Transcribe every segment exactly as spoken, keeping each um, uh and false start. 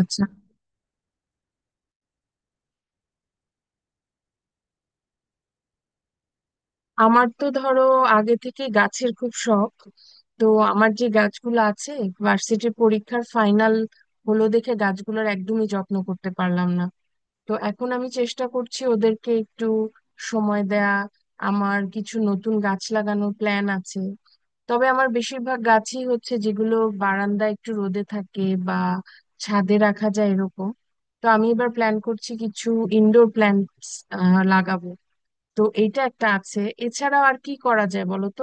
আচ্ছা, আমার তো ধরো আগে থেকে গাছের খুব শখ। তো আমার যে গাছগুলো আছে, ভার্সিটির পরীক্ষার ফাইনাল হলো দেখে গাছগুলোর একদমই যত্ন করতে পারলাম না। তো এখন আমি চেষ্টা করছি ওদেরকে একটু সময় দেয়া। আমার কিছু নতুন গাছ লাগানোর প্ল্যান আছে, তবে আমার বেশিরভাগ গাছই হচ্ছে যেগুলো বারান্দায় একটু রোদে থাকে বা ছাদে রাখা যায় এরকম। তো আমি এবার প্ল্যান করছি কিছু ইনডোর প্ল্যান্টস লাগাবো। তো এইটা একটা আছে, এছাড়াও আর কি করা যায় বলো তো।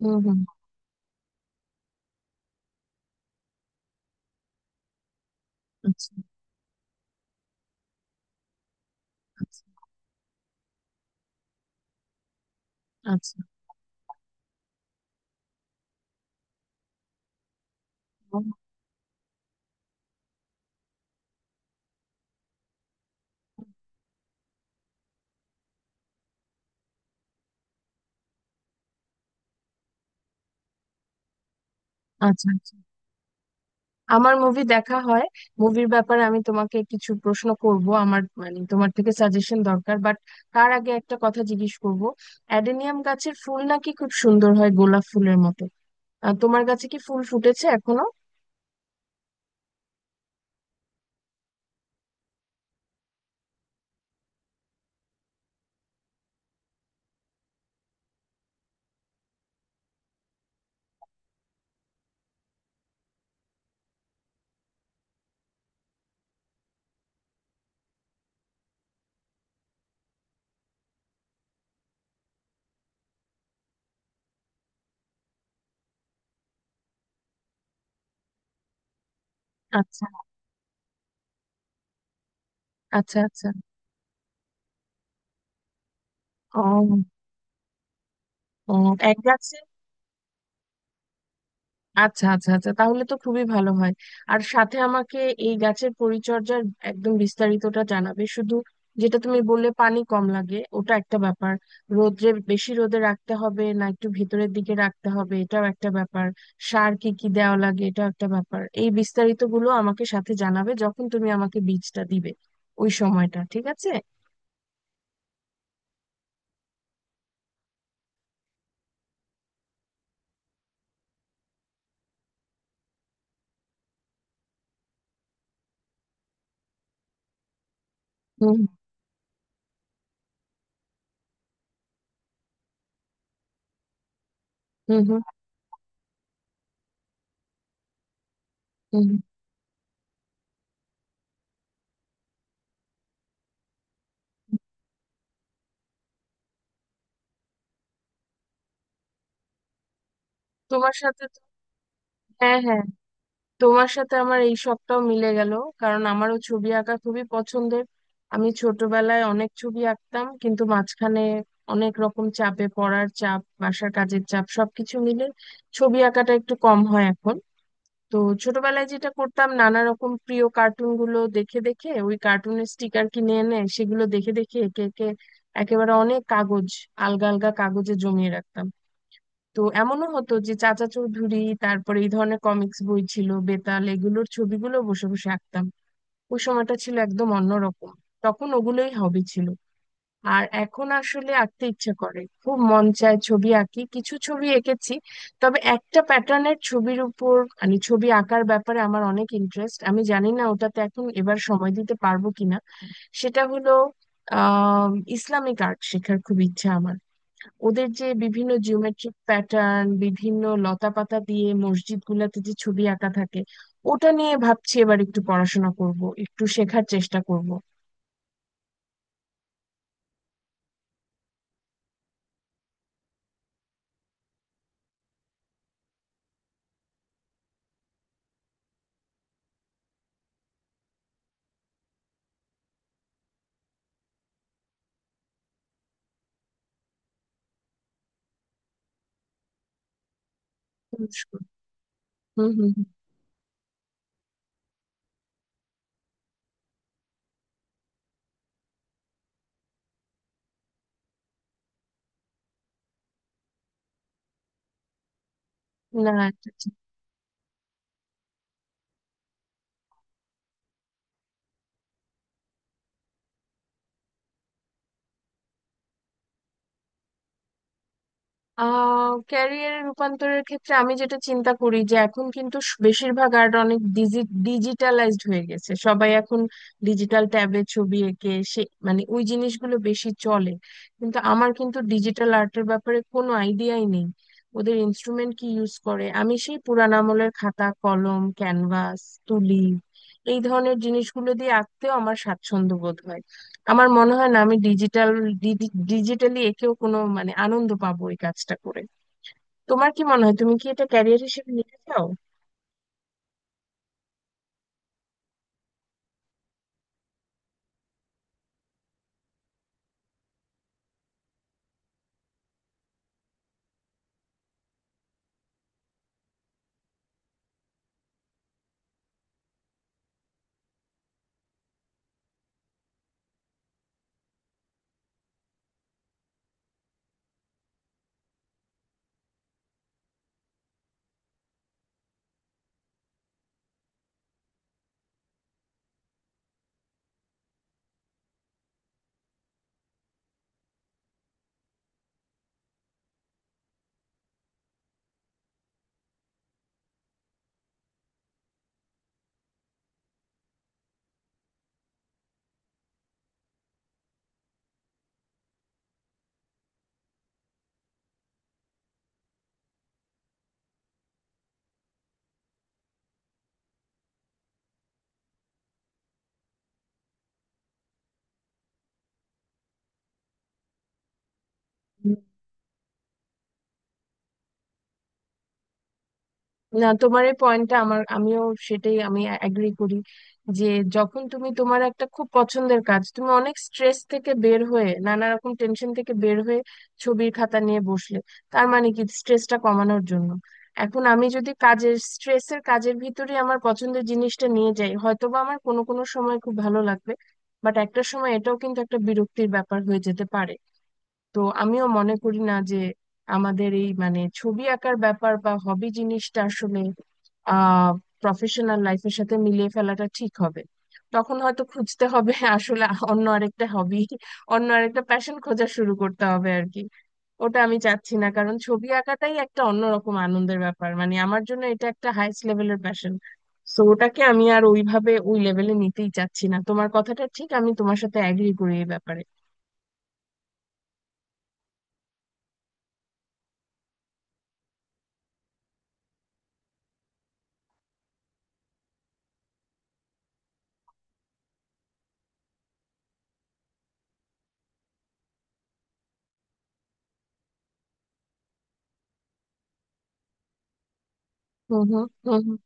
হুম হুম আচ্ছা আচ্ছা। আচ্ছা, ও, আচ্ছা আচ্ছা। আমার মুভি দেখা হয়। মুভির ব্যাপারে আমি তোমাকে কিছু প্রশ্ন করব, আমার মানে তোমার থেকে সাজেশন দরকার, বাট তার আগে একটা কথা জিজ্ঞেস করব। অ্যাডেনিয়াম গাছের ফুল নাকি খুব সুন্দর হয়, গোলাপ ফুলের মতো। আহ, তোমার গাছে কি ফুল ফুটেছে এখনো? আচ্ছা আচ্ছা আচ্ছা। ও, ও, এক গাছে, আচ্ছা আচ্ছা আচ্ছা, তাহলে তো খুবই ভালো হয়। আর সাথে আমাকে এই গাছের পরিচর্যার একদম বিস্তারিতটা জানাবে শুধু। যেটা তুমি বললে পানি কম লাগে, ওটা একটা ব্যাপার। রোদ্রে বেশি রোদে রাখতে হবে না, একটু ভিতরের দিকে রাখতে হবে, এটাও একটা ব্যাপার। সার কি কি দেওয়া লাগে, এটাও একটা ব্যাপার। এই বিস্তারিতগুলো আমাকে সাথে জানাবে যখন তুমি আমাকে বীজটা দিবে, ওই সময়টা। ঠিক আছে। হুম হুম হুম হুম হুম। তোমার সাথে তো- হ্যাঁ হ্যাঁ, তোমার সাথে আমার এই সবটাও মিলে গেল, কারণ আমারও ছবি আঁকা খুবই পছন্দের। আমি ছোটবেলায় অনেক ছবি আঁকতাম, কিন্তু মাঝখানে অনেক রকম চাপে, পড়ার চাপ, বাসার কাজের চাপ সবকিছু মিলে ছবি আঁকাটা একটু কম হয় এখন। তো ছোটবেলায় যেটা করতাম, নানা রকম প্রিয় কার্টুন গুলো দেখে দেখে, ওই কার্টুনের স্টিকার কিনে এনে সেগুলো দেখে দেখে একে একে একেবারে অনেক কাগজ, আলগা আলগা কাগজে জমিয়ে রাখতাম। তো এমনও হতো যে চাচা চৌধুরী, তারপরে এই ধরনের কমিক্স বই ছিল বেতাল, এগুলোর ছবিগুলো বসে বসে আঁকতাম। ওই সময়টা ছিল একদম অন্যরকম, তখন ওগুলোই হবি ছিল। আর এখন আসলে আঁকতে ইচ্ছে করে, খুব মন চায় ছবি আঁকি, কিছু ছবি এঁকেছি। তবে একটা প্যাটার্নের ছবির উপর, মানে ছবি আঁকার ব্যাপারে আমার অনেক ইন্টারেস্ট, আমি জানি না ওটাতে এখন এবার সময় দিতে পারবো কিনা। সেটা হলো, আহ ইসলামিক আর্ট শেখার খুব ইচ্ছা আমার। ওদের যে বিভিন্ন জিওমেট্রিক প্যাটার্ন, বিভিন্ন লতাপাতা দিয়ে মসজিদ গুলাতে যে ছবি আঁকা থাকে, ওটা নিয়ে ভাবছি এবার একটু পড়াশোনা করব, একটু শেখার চেষ্টা করব। হুম হুম হুম। না, আহ ক্যারিয়ারে রূপান্তরের ক্ষেত্রে আমি যেটা চিন্তা করি যে এখন কিন্তু স- বেশিরভাগ আর্ট অনেক ডিজিটালাইজড হয়ে গেছে, সবাই এখন ডিজিটাল ট্যাবে ছবি এঁকে সে মানে ওই জিনিসগুলো বেশি চলে। কিন্তু আমার কিন্তু ডিজিটাল আর্টের ব্যাপারে কোনো আইডিয়াই নেই, ওদের ইনস্ট্রুমেন্ট কি ইউজ করে। আমি সেই পুরান আমলের খাতা, কলম, ক্যানভাস, তুলি, এই ধরনের জিনিসগুলো দিয়ে আঁকতেও আমার স্বাচ্ছন্দ্য বোধ হয়। আমার মনে হয় না আমি ডিজিটাল ডিজিটালি একেও কোনো মানে আনন্দ পাবো এই কাজটা করে। তোমার কি মনে হয়, তুমি কি এটা ক্যারিয়ার হিসেবে নিতে চাও? না, তোমার এই পয়েন্টটা আমার, আমিও সেটাই, আমি অ্যাগ্রি করি যে যখন তুমি তোমার একটা খুব পছন্দের কাজ, তুমি অনেক স্ট্রেস থেকে বের হয়ে, নানা রকম টেনশন থেকে বের হয়ে ছবির খাতা নিয়ে বসলে, তার মানে কি স্ট্রেসটা কমানোর জন্য। এখন আমি যদি কাজের স্ট্রেসের, কাজের ভিতরে আমার পছন্দের জিনিসটা নিয়ে যাই, হয়তোবা আমার কোনো কোনো সময় খুব ভালো লাগবে, বাট একটা সময় এটাও কিন্তু একটা বিরক্তির ব্যাপার হয়ে যেতে পারে। তো আমিও মনে করি না যে আমাদের এই মানে ছবি আঁকার ব্যাপার বা হবি জিনিসটা আসলে আহ প্রফেশনাল লাইফের সাথে মিলিয়ে ফেলাটা ঠিক হবে। তখন হয়তো খুঁজতে হবে আসলে অন্য আরেকটা হবি, অন্য আরেকটা প্যাশন খোঁজা শুরু করতে হবে আর কি। ওটা আমি চাচ্ছি না, কারণ ছবি আঁকাটাই একটা অন্যরকম আনন্দের ব্যাপার, মানে আমার জন্য এটা একটা হাইস্ট লেভেলের প্যাশন। তো ওটাকে আমি আর ওইভাবে ওই লেভেলে নিতেই চাচ্ছি না। তোমার কথাটা ঠিক, আমি তোমার সাথে অ্যাগ্রি করি এই ব্যাপারে। হুম হুম হুম হুম।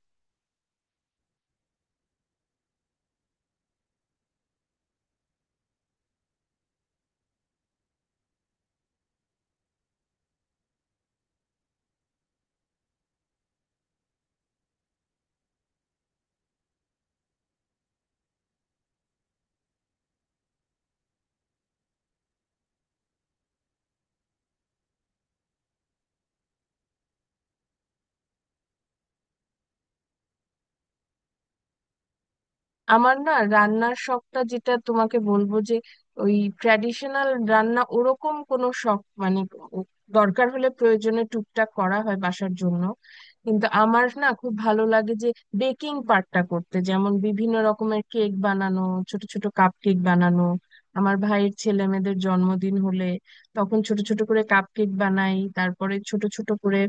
আমার না রান্নার শখটা, যেটা তোমাকে বলবো যে ওই ট্র্যাডিশনাল রান্না ওরকম কোনো শখ মানে ও- দরকার হলে প্রয়োজনে টুকটাক করা হয় বাসার জন্য। কিন্তু আমার না খুব ভালো লাগে যে বেকিং পার্টটা করতে, যেমন বিভিন্ন রকমের কেক বানানো, ছোট ছোট কাপ কেক বানানো। আমার ভাইয়ের ছেলে মেয়েদের জন্মদিন হলে তখন ছোট ছোট করে কাপ কেক বানাই, তারপরে ছোট ছোট করে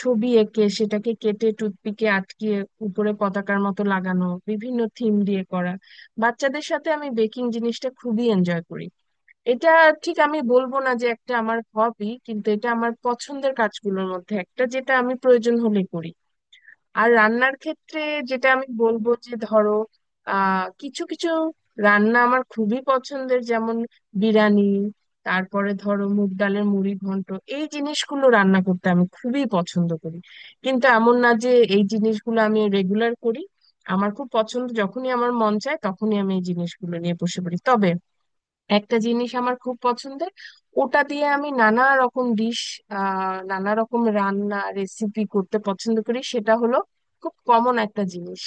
ছবি এঁকে সেটাকে কেটে টুথপিকে আটকিয়ে উপরে পতাকার মতো লাগানো, বিভিন্ন থিম দিয়ে করা। বাচ্চাদের সাথে আমি বেকিং জিনিসটা খুবই এনজয় করি। এটা ঠিক আমি বলবো না যে একটা আমার হবি, কিন্তু এটা আমার পছন্দের কাজগুলোর মধ্যে একটা যেটা আমি প্রয়োজন হলে করি। আর রান্নার ক্ষেত্রে যেটা আমি বলবো যে ধরো আহ কিছু কিছু রান্না আমার খুবই পছন্দের, যেমন বিরিয়ানি, তারপরে ধরো মুগ ডালের মুড়ি ঘন্ট, এই জিনিসগুলো রান্না করতে আমি খুবই পছন্দ করি। কিন্তু এমন না যে এই জিনিসগুলো আমি রেগুলার করি, আমার খুব পছন্দ, যখনই আমার মন চায় তখনই আমি এই জিনিসগুলো নিয়ে বসে পড়ি। তবে একটা জিনিস আমার খুব পছন্দের, ওটা দিয়ে আমি নানা রকম ডিশ, আহ নানা রকম রান্না রেসিপি করতে পছন্দ করি। সেটা হলো খুব কমন একটা জিনিস,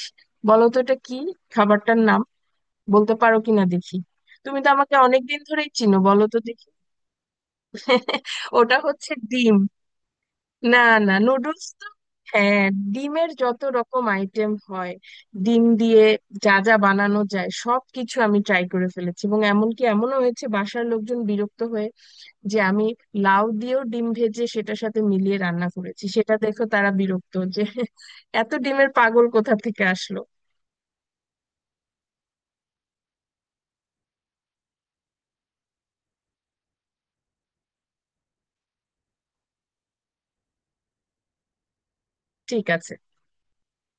বলো তো এটা কি খাবারটার নাম, বলতে পারো কিনা দেখি। তুমি তো আমাকে অনেকদিন ধরেই চিনো, বলো তো দেখি। ওটা হচ্ছে ডিম। না, না, নুডলস তো, হ্যাঁ। ডিমের যত রকম আইটেম হয়, ডিম দিয়ে যা যা বানানো যায় সব কিছু আমি ট্রাই করে ফেলেছি। এবং এমনকি এমনও হয়েছে, বাসার লোকজন বিরক্ত হয়ে, যে আমি লাউ দিয়েও ডিম ভেজে সেটার সাথে মিলিয়ে রান্না করেছি, সেটা দেখো তারা বিরক্ত যে এত ডিমের পাগল কোথা থেকে আসলো। ঠিক আছে।